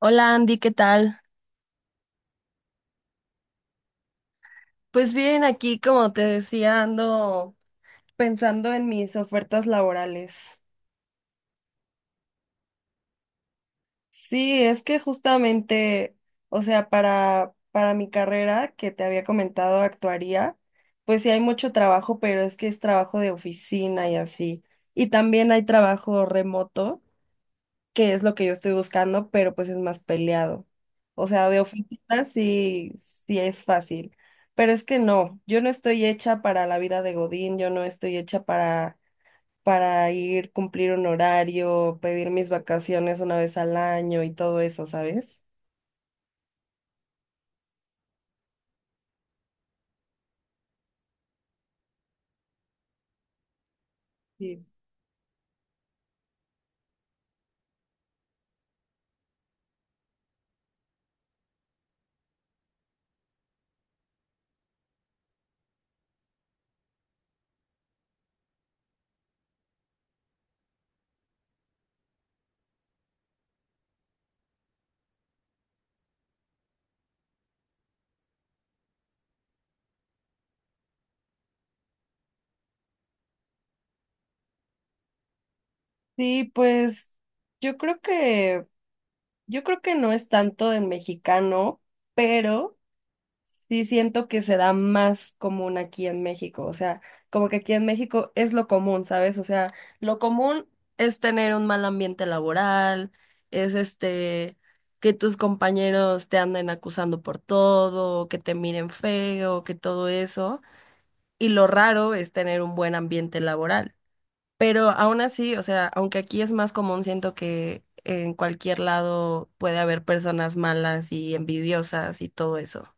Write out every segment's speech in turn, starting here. Hola Andy, ¿qué tal? Pues bien, aquí como te decía, ando pensando en mis ofertas laborales. Sí, es que justamente, o sea, para mi carrera que te había comentado, actuaría, pues sí hay mucho trabajo, pero es que es trabajo de oficina y así. Y también hay trabajo remoto, que es lo que yo estoy buscando, pero pues es más peleado. O sea, de oficina sí, sí es fácil, pero es que no, yo no estoy hecha para la vida de Godín, yo no estoy hecha para ir, cumplir un horario, pedir mis vacaciones una vez al año y todo eso, ¿sabes? Sí. Sí, pues yo creo que, yo creo que no es tanto de mexicano, pero sí siento que se da más común aquí en México, o sea, como que aquí en México es lo común, ¿sabes? O sea, lo común es tener un mal ambiente laboral, es que tus compañeros te anden acusando por todo, que te miren feo, que todo eso, y lo raro es tener un buen ambiente laboral. Pero aún así, o sea, aunque aquí es más común, siento que en cualquier lado puede haber personas malas y envidiosas y todo eso.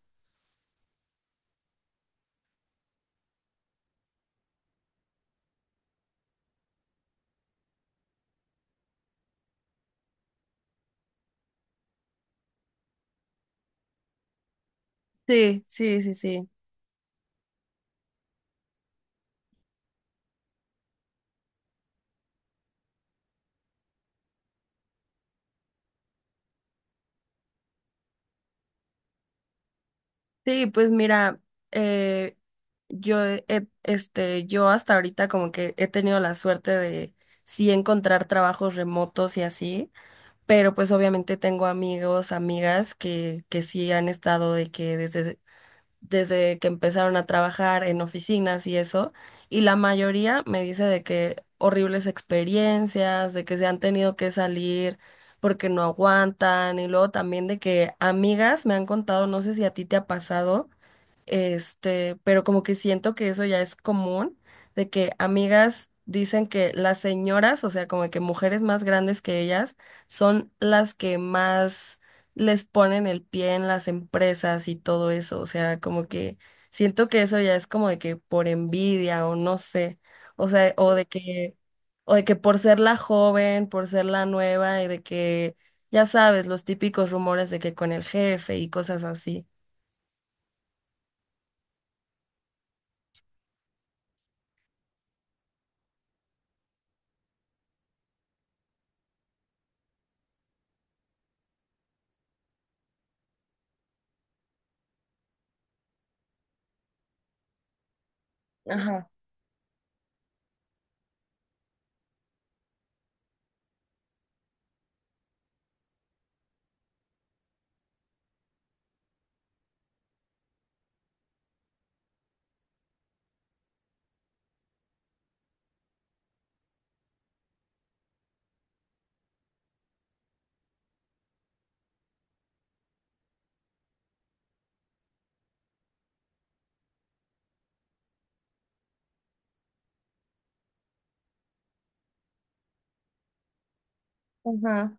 Sí, sí, sí, sí. Sí, pues mira, eh, yo hasta ahorita como que he tenido la suerte de sí encontrar trabajos remotos y así, pero pues obviamente tengo amigos, amigas que sí han estado de que desde que empezaron a trabajar en oficinas y eso, y la mayoría me dice de que horribles experiencias, de que se han tenido que salir porque no aguantan, y luego también de que amigas me han contado, no sé si a ti te ha pasado pero como que siento que eso ya es común, de que amigas dicen que las señoras, o sea, como que mujeres más grandes que ellas, son las que más les ponen el pie en las empresas y todo eso, o sea, como que siento que eso ya es como de que por envidia o no sé, o sea, o de que por ser la joven, por ser la nueva y de que, ya sabes, los típicos rumores de que con el jefe y cosas así. Ajá, ajá.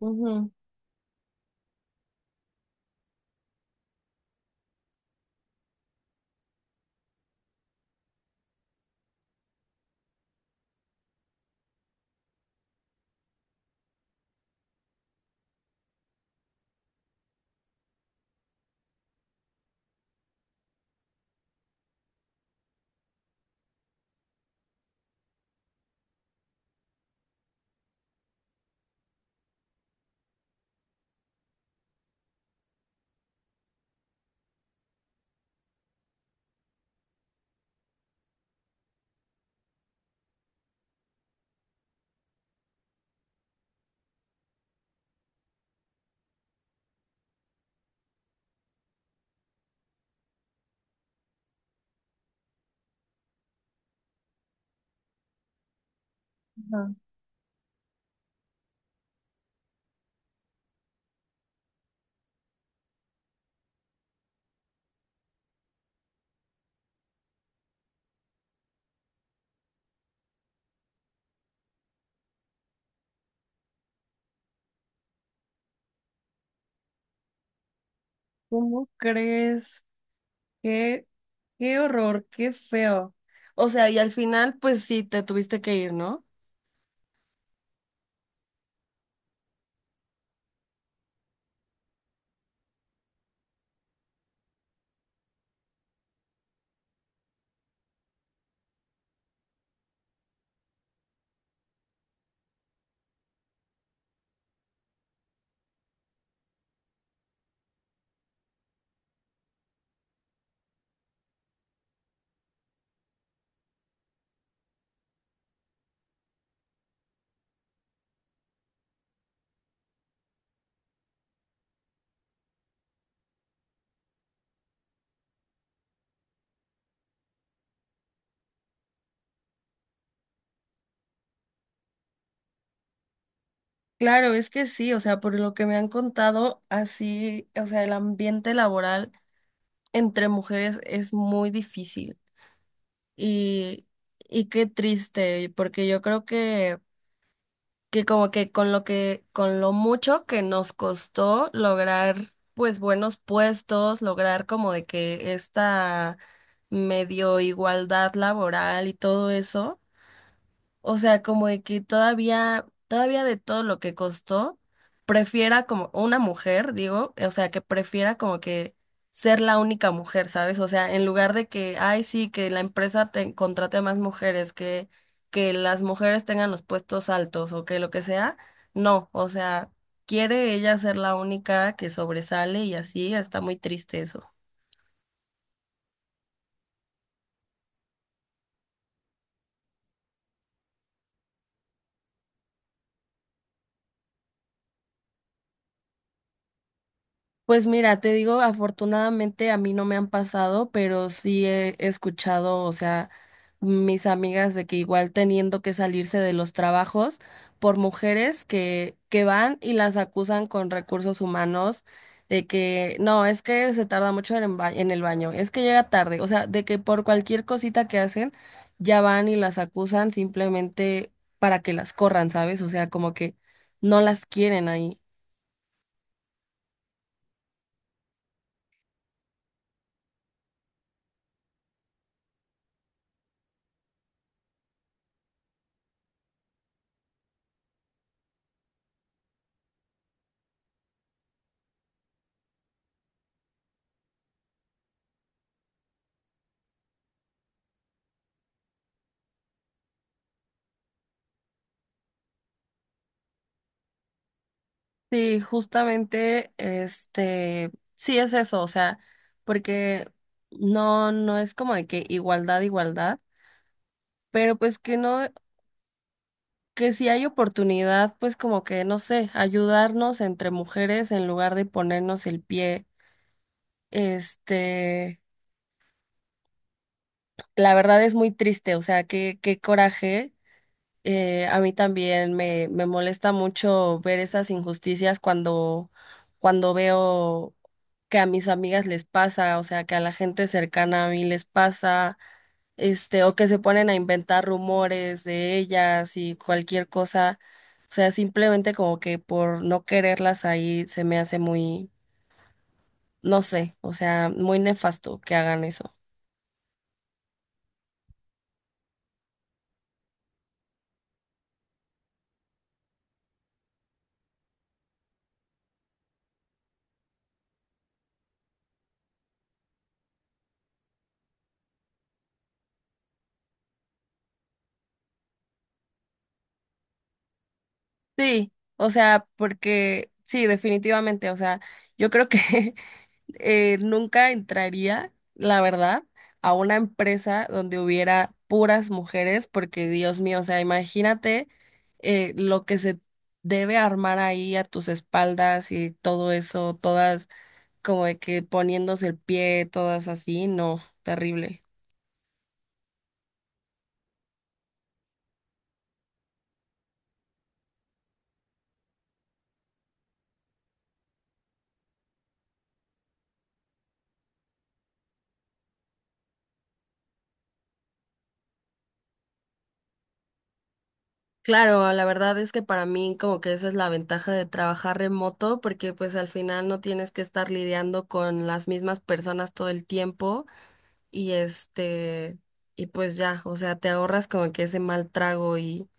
Ujú. ¿Cómo crees? Qué, qué horror, qué feo. O sea, y al final, pues sí, te tuviste que ir, ¿no? Claro, es que sí, o sea, por lo que me han contado, así, o sea, el ambiente laboral entre mujeres es muy difícil y, y qué triste, porque yo creo que como que, con lo mucho que nos costó lograr pues buenos puestos, lograr como de que esta medio igualdad laboral y todo eso. O sea, como de que todavía, todavía de todo lo que costó, prefiera como una mujer, digo, o sea, que prefiera como que ser la única mujer, ¿sabes? O sea, en lugar de que, ay, sí, que la empresa te contrate más mujeres, que las mujeres tengan los puestos altos o que lo que sea, no, o sea, quiere ella ser la única que sobresale y así, está muy triste eso. Pues mira, te digo, afortunadamente a mí no me han pasado, pero sí he escuchado, o sea, mis amigas de que igual teniendo que salirse de los trabajos por mujeres que van y las acusan con recursos humanos de que no, es que se tarda mucho en, en el baño, es que llega tarde, o sea, de que por cualquier cosita que hacen ya van y las acusan simplemente para que las corran, ¿sabes? O sea, como que no las quieren ahí. Sí, justamente, sí es eso, o sea, porque no, no es como de que igualdad, igualdad, pero pues que no, que si hay oportunidad, pues como que, no sé, ayudarnos entre mujeres en lugar de ponernos el pie, este, la verdad es muy triste, o sea, qué, qué coraje. A mí también me molesta mucho ver esas injusticias cuando, cuando veo que a mis amigas les pasa, o sea, que a la gente cercana a mí les pasa, o que se ponen a inventar rumores de ellas y cualquier cosa. O sea, simplemente como que por no quererlas ahí se me hace muy, no sé, o sea, muy nefasto que hagan eso. Sí, o sea, porque sí, definitivamente, o sea, yo creo que nunca entraría, la verdad, a una empresa donde hubiera puras mujeres, porque Dios mío, o sea, imagínate lo que se debe armar ahí a tus espaldas y todo eso, todas como de que poniéndose el pie, todas así, no, terrible. Claro, la verdad es que para mí como que esa es la ventaja de trabajar remoto, porque pues al final no tienes que estar lidiando con las mismas personas todo el tiempo y y pues ya, o sea, te ahorras como que ese mal trago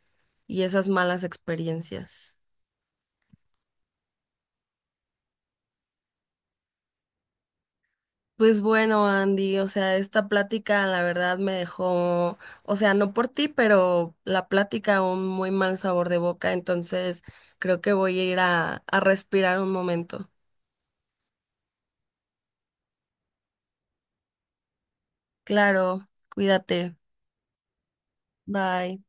y esas malas experiencias. Pues bueno, Andy, o sea, esta plática la verdad me dejó, o sea, no por ti, pero la plática un muy mal sabor de boca, entonces creo que voy a ir a respirar un momento. Claro, cuídate. Bye.